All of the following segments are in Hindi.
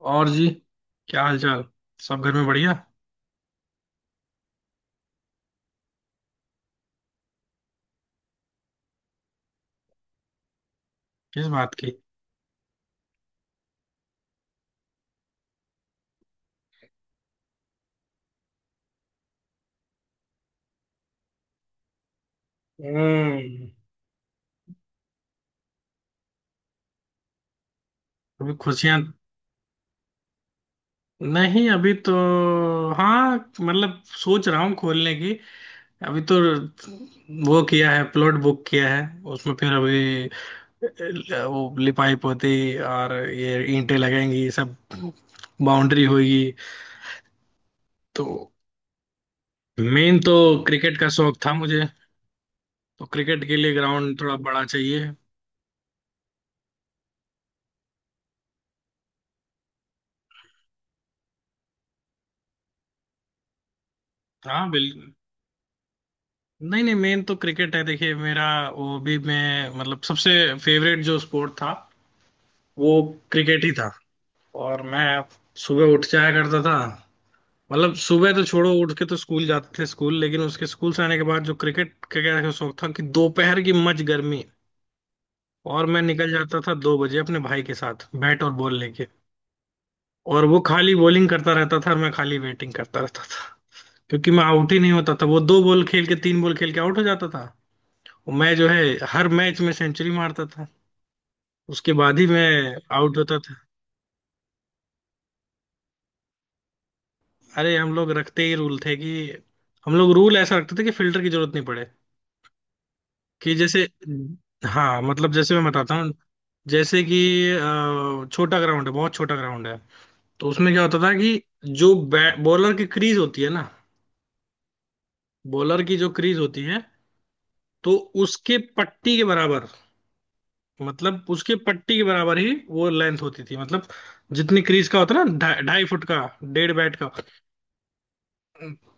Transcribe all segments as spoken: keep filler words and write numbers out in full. और जी, क्या हाल चाल। सब घर में बढ़िया। किस बात की। हम्म। अभी खुशियां? नहीं, अभी तो... हाँ मतलब सोच रहा हूँ खोलने की। अभी तो वो किया है, प्लॉट बुक किया है। उसमें फिर अभी अ, वो लिपाई पोती और ये ईंटें लगेंगी, ये सब बाउंड्री होगी। तो मेन तो क्रिकेट का शौक था मुझे, तो क्रिकेट के लिए ग्राउंड थोड़ा बड़ा चाहिए। हाँ बिल... नहीं नहीं, मेन तो क्रिकेट है देखिए मेरा। वो भी मैं मतलब सबसे फेवरेट जो स्पोर्ट था वो क्रिकेट ही था। और मैं सुबह उठ जाया करता था। मतलब सुबह तो छोड़ो, उठ के तो स्कूल जाते थे स्कूल, लेकिन उसके स्कूल से आने के बाद जो क्रिकेट का क्या शौक था कि दोपहर की मच गर्मी, और मैं निकल जाता था दो बजे अपने भाई के साथ बैट और बॉल लेके। और वो खाली बॉलिंग करता रहता था और मैं खाली बैटिंग करता रहता था, क्योंकि मैं आउट ही नहीं होता था। वो दो बॉल खेल के तीन बॉल खेल के आउट हो जाता था, और मैं जो है हर मैच में सेंचुरी मारता था, उसके बाद ही मैं आउट होता था। अरे हम लोग रखते ही रूल थे कि... हम लोग रूल ऐसा रखते थे कि फिल्टर की जरूरत नहीं पड़े। कि जैसे... हाँ मतलब जैसे मैं बताता हूँ। जैसे कि अ, छोटा ग्राउंड है, बहुत छोटा ग्राउंड है। तो उसमें क्या होता था कि जो बॉलर की क्रीज होती है ना, बॉलर की जो क्रीज होती है, तो उसके पट्टी के बराबर, मतलब उसके पट्टी के बराबर ही वो लेंथ होती थी, मतलब जितनी क्रीज का होता है ना, ढाई ढाई फुट का, डेढ़ बैट का।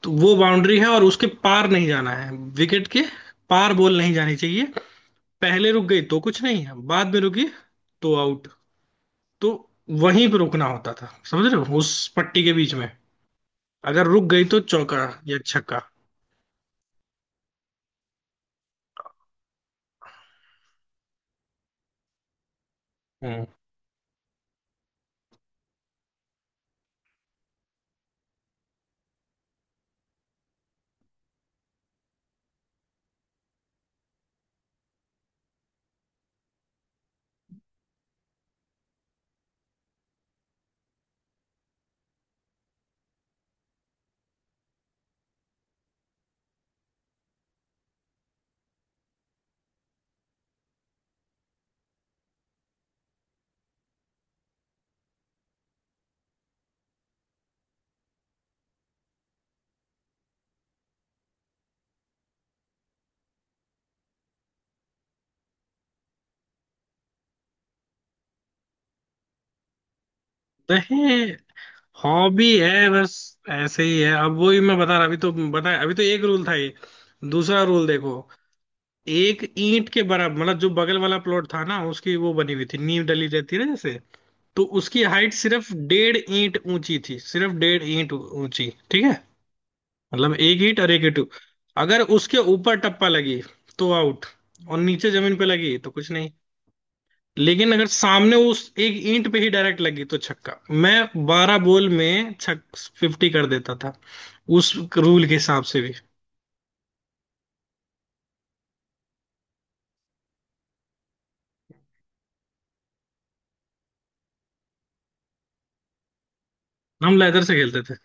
तो वो बाउंड्री है और उसके पार नहीं जाना है। विकेट के पार बॉल नहीं जानी चाहिए। पहले रुक गई तो कुछ नहीं है, बाद में रुकी तो आउट। तो वहीं पे रुकना होता था, समझ रहे हो, उस पट्टी के बीच में। अगर रुक गई तो चौका या छक्का। हम्म। नहीं, हॉबी है बस, ऐसे ही है। अब वही मैं बता रहा, अभी तो बताया, अभी तो एक रूल था ये। दूसरा रूल देखो। एक ईंट के बराबर, मतलब जो बगल वाला प्लॉट था ना, उसकी वो बनी हुई थी, नींव डली रहती है ना जैसे। तो उसकी हाइट सिर्फ डेढ़ ईंट ऊंची थी, सिर्फ डेढ़ ईंट ऊंची, ठीक है। मतलब एक ईंट और एक ईंट। अगर उसके ऊपर टप्पा लगी तो आउट, और नीचे जमीन पे लगी तो कुछ नहीं। लेकिन अगर सामने उस एक ईंट पे ही डायरेक्ट लगी तो छक्का। मैं बारह बॉल में छक फिफ्टी कर देता था उस रूल के हिसाब से भी। हम लेदर से खेलते थे।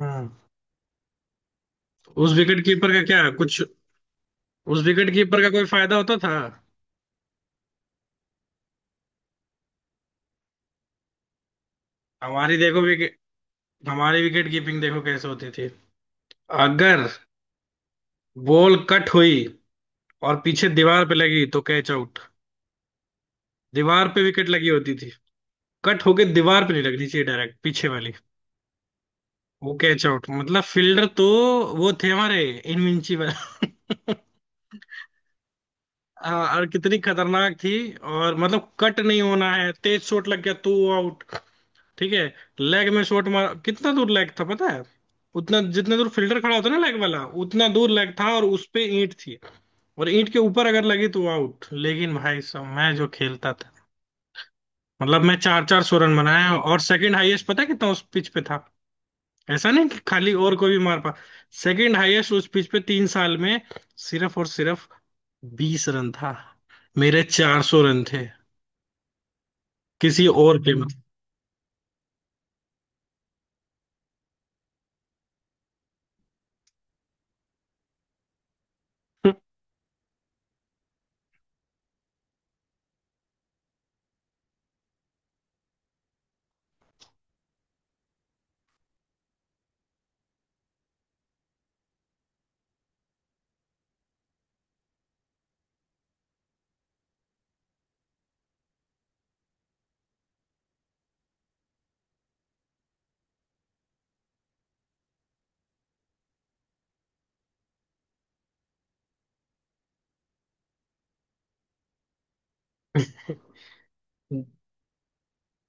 हम्म। उस विकेट कीपर का क्या कुछ... उस विकेट कीपर का कोई फायदा होता था? हमारी देखो विकेट... हमारी विकेट कीपिंग देखो कैसे होती थी। अगर बॉल कट हुई और पीछे दीवार पे लगी तो कैच आउट। दीवार पे विकेट लगी होती थी। कट होके दीवार पे नहीं लगनी चाहिए, डायरेक्ट पीछे वाली। वो कैच आउट, मतलब फील्डर तो वो थे हमारे, इनविंसिबल हाँ, और कितनी खतरनाक थी, और मतलब कट नहीं होना है, तेज शॉट लग गया तो आउट। ठीक है। लेग में शॉट मार, कितना दूर लेग था पता है? उतना जितना दूर फील्डर खड़ा होता है ना लेग वाला, उतना दूर लेग था, और उस पे ईंट थी। और ईंट के ऊपर अगर लगी तो आउट, लेकिन भाई साहब मैं जो खेलता था, मतलब मैं चार चार सौ रन बनाया, और सेकंड हाईएस्ट पता है कितना उस पिच पे था? ऐसा नहीं कि खाली और कोई भी मार पा... सेकंड हाईएस्ट उस पिच पे तीन साल में, सिर्फ और सिर्फ बीस रन था। मेरे चार सौ रन थे, किसी और के मतलब...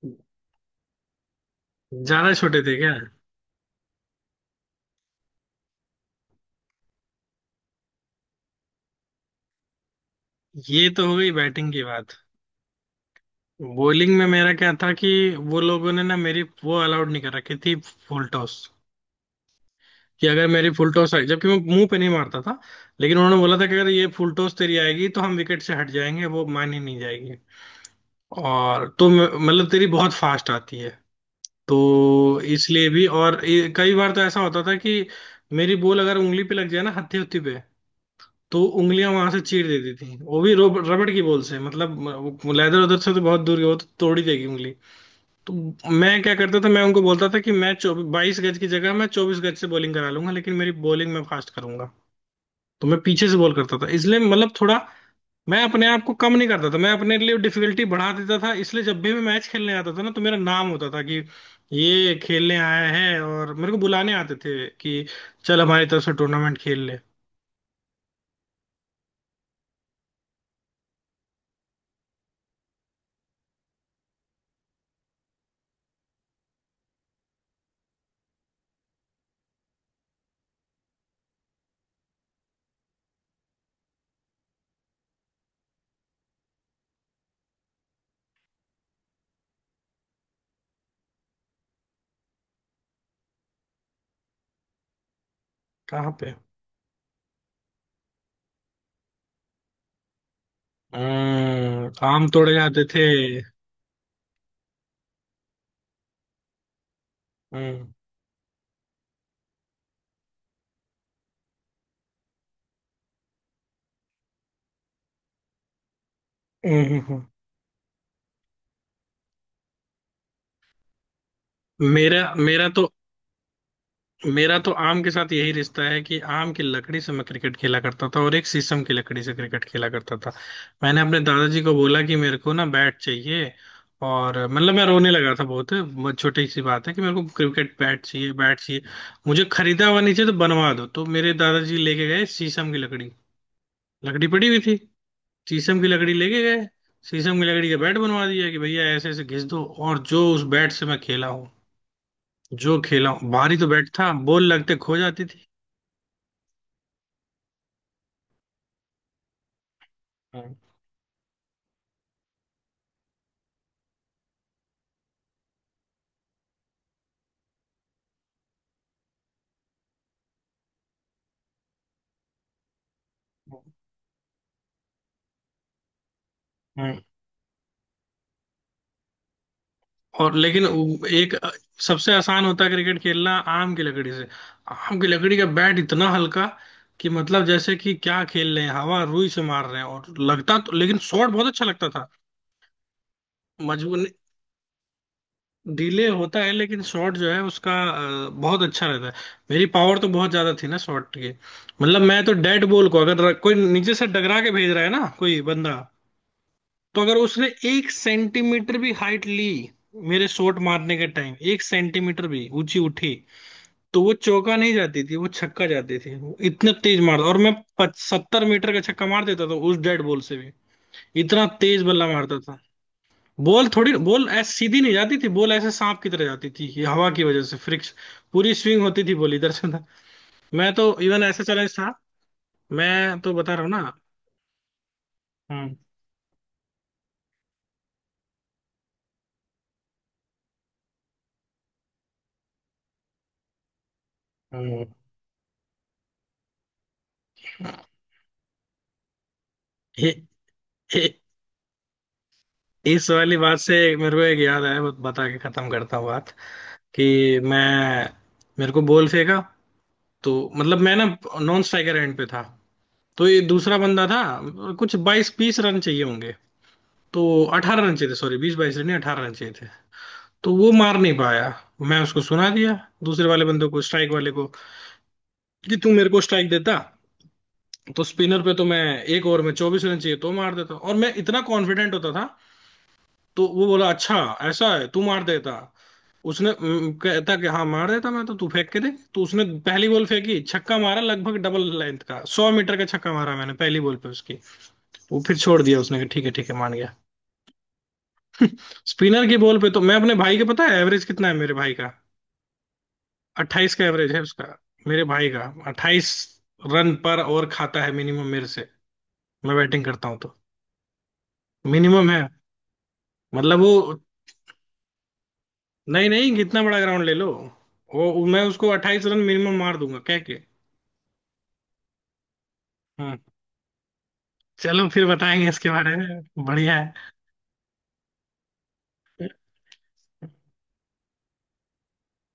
ज्यादा छोटे थे क्या? ये तो हो गई बैटिंग की बात। बॉलिंग में मेरा क्या था कि वो लोगों ने ना मेरी वो अलाउड नहीं कर रखी थी, फुल टॉस। कि अगर मेरी फुल टॉस आई, जबकि मैं मुंह पे नहीं मारता था, लेकिन उन्होंने बोला था कि अगर ये फुल टॉस तेरी आएगी तो हम विकेट से हट जाएंगे, वो मानी नहीं जाएगी। और तो म- मतलब तेरी बहुत फास्ट आती है, तो इसलिए भी। और ये- कई बार तो ऐसा होता था कि मेरी बॉल अगर उंगली पे लग जाए ना, हत्थी हत्थी पे, तो उंगलियां वहां से चीर देती थी। वो भी रोब- रबड़ की बॉल से, मतलब लेदर उधर से तो बहुत दूर गया, वो तो तोड़ ही देगी उंगली। तो मैं क्या करता था, मैं उनको बोलता था कि मैं चौबीस बाईस गज की जगह मैं चौबीस गज से बॉलिंग करा लूंगा, लेकिन मेरी बॉलिंग मैं फास्ट करूंगा। तो मैं पीछे से बॉल करता था, इसलिए मतलब थोड़ा... मैं अपने आप को कम नहीं करता था, मैं अपने लिए डिफिकल्टी बढ़ा देता था। इसलिए जब भी मैं मैच खेलने आता था ना, तो मेरा नाम होता था कि ये खेलने आया है, और मेरे को बुलाने आते थे कि चल हमारी तरफ से टूर्नामेंट खेल ले। कहाँ पे? हम्म, आम तोड़े जाते थे। हम्म। हम्म। हम्म। हम्म। मेरा मेरा तो... मेरा तो आम के साथ यही रिश्ता है कि आम की लकड़ी से मैं क्रिकेट खेला करता था, और एक शीशम की लकड़ी से क्रिकेट खेला करता था। मैंने अपने दादाजी को बोला कि मेरे को ना बैट चाहिए, और मतलब मैं रोने लगा था, बहुत बहुत छोटी सी बात है, कि मेरे को क्रिकेट बैट चाहिए, बैट चाहिए। मुझे खरीदा हुआ नहीं चाहिए, तो बनवा दो। तो मेरे दादाजी लेके गए शीशम की लकड़ी, लकड़ी पड़ी हुई थी, शीशम की लकड़ी लेके गए, शीशम की लकड़ी का बैट बनवा दिया, कि भैया ऐसे ऐसे घिस दो। और जो उस बैट से मैं खेला हूँ, जो खेला हूँ, भारी तो बैट था, बॉल लगते खो जाती थी। हम्म। हम्म। और लेकिन वो एक अ, सबसे आसान होता है क्रिकेट खेलना आम की लकड़ी से। आम की लकड़ी का बैट इतना हल्का, कि मतलब जैसे कि क्या खेल रहे हैं, हवा रुई से मार रहे हैं, और लगता तो... लेकिन शॉट बहुत अच्छा लगता था। मजबूर... डिले होता है, लेकिन शॉट जो है उसका अ, बहुत अच्छा रहता है। मेरी पावर तो बहुत ज्यादा थी ना शॉट की, मतलब मैं तो डेड बॉल को, अगर कोई नीचे से डगरा के भेज रहा है ना कोई बंदा, तो अगर उसने एक सेंटीमीटर भी हाइट ली, मेरे शॉट मारने के टाइम एक सेंटीमीटर भी ऊंची उठी, तो वो चौका नहीं जाती थी, वो छक्का जाती थी। वो इतने तेज मारता और मैं सत्तर मीटर का छक्का मार देता था उस डेड बॉल से भी। इतना तेज बल्ला मारता था। बॉल थोड़ी बॉल ऐसे सीधी नहीं जाती थी, बॉल ऐसे सांप की तरह जाती थी, ये हवा की वजह से फ्रिक्स... पूरी स्विंग होती थी बॉल इधर से उधर। मैं तो इवन ऐसा चैलेंज था। मैं तो बता रहा हूँ ना। हम्म। हम्म। हे- हे- इस वाली बात से मेरे को एक याद आया, बत- बता के खत्म करता हूँ बात, कि मैं... मेरे को बॉल फेंका। तो मतलब मैं ना नॉन स्ट्राइकर एंड पे था, तो ये दूसरा बंदा था। कुछ बाईस बीस रन चाहिए होंगे, तो अठारह रन चाहिए थे, सॉरी बीस बाईस रन नहीं, अठारह रन चाहिए थे। तो वो मार नहीं पाया। मैं उसको सुना दिया, दूसरे वाले बंदे को स्ट्राइक वाले को, कि तू मेरे को स्ट्राइक देता, तो स्पिनर पे तो मैं एक ओवर में चौबीस रन चाहिए तो मार देता, और मैं इतना कॉन्फिडेंट होता था। तो वो बोला, अच्छा ऐसा है, तू मार देता? उसने अम, कहता कि हाँ मार देता मैं तो, तू फेंक के दे। तो उसने पहली बॉल फेंकी, छक्का मारा, लगभग डबल लेंथ का, सौ मीटर का छक्का मारा मैंने पहली बॉल पे उसकी। वो फिर छोड़ दिया उसने कि ठीक है ठीक है, मान गया। स्पिनर की बॉल पे तो मैं अपने भाई के, पता है एवरेज कितना है मेरे भाई का? अट्ठाईस का एवरेज है उसका, मेरे भाई का। अट्ठाईस रन पर ओवर खाता है मिनिमम मेरे से, मैं बैटिंग करता हूँ तो। मिनिमम है, मतलब वो... नहीं नहीं, कितना बड़ा ग्राउंड ले लो, वो मैं उसको अट्ठाईस रन मिनिमम मार दूंगा कह के। हाँ। चलो फिर बताएंगे इसके बारे में, बढ़िया है।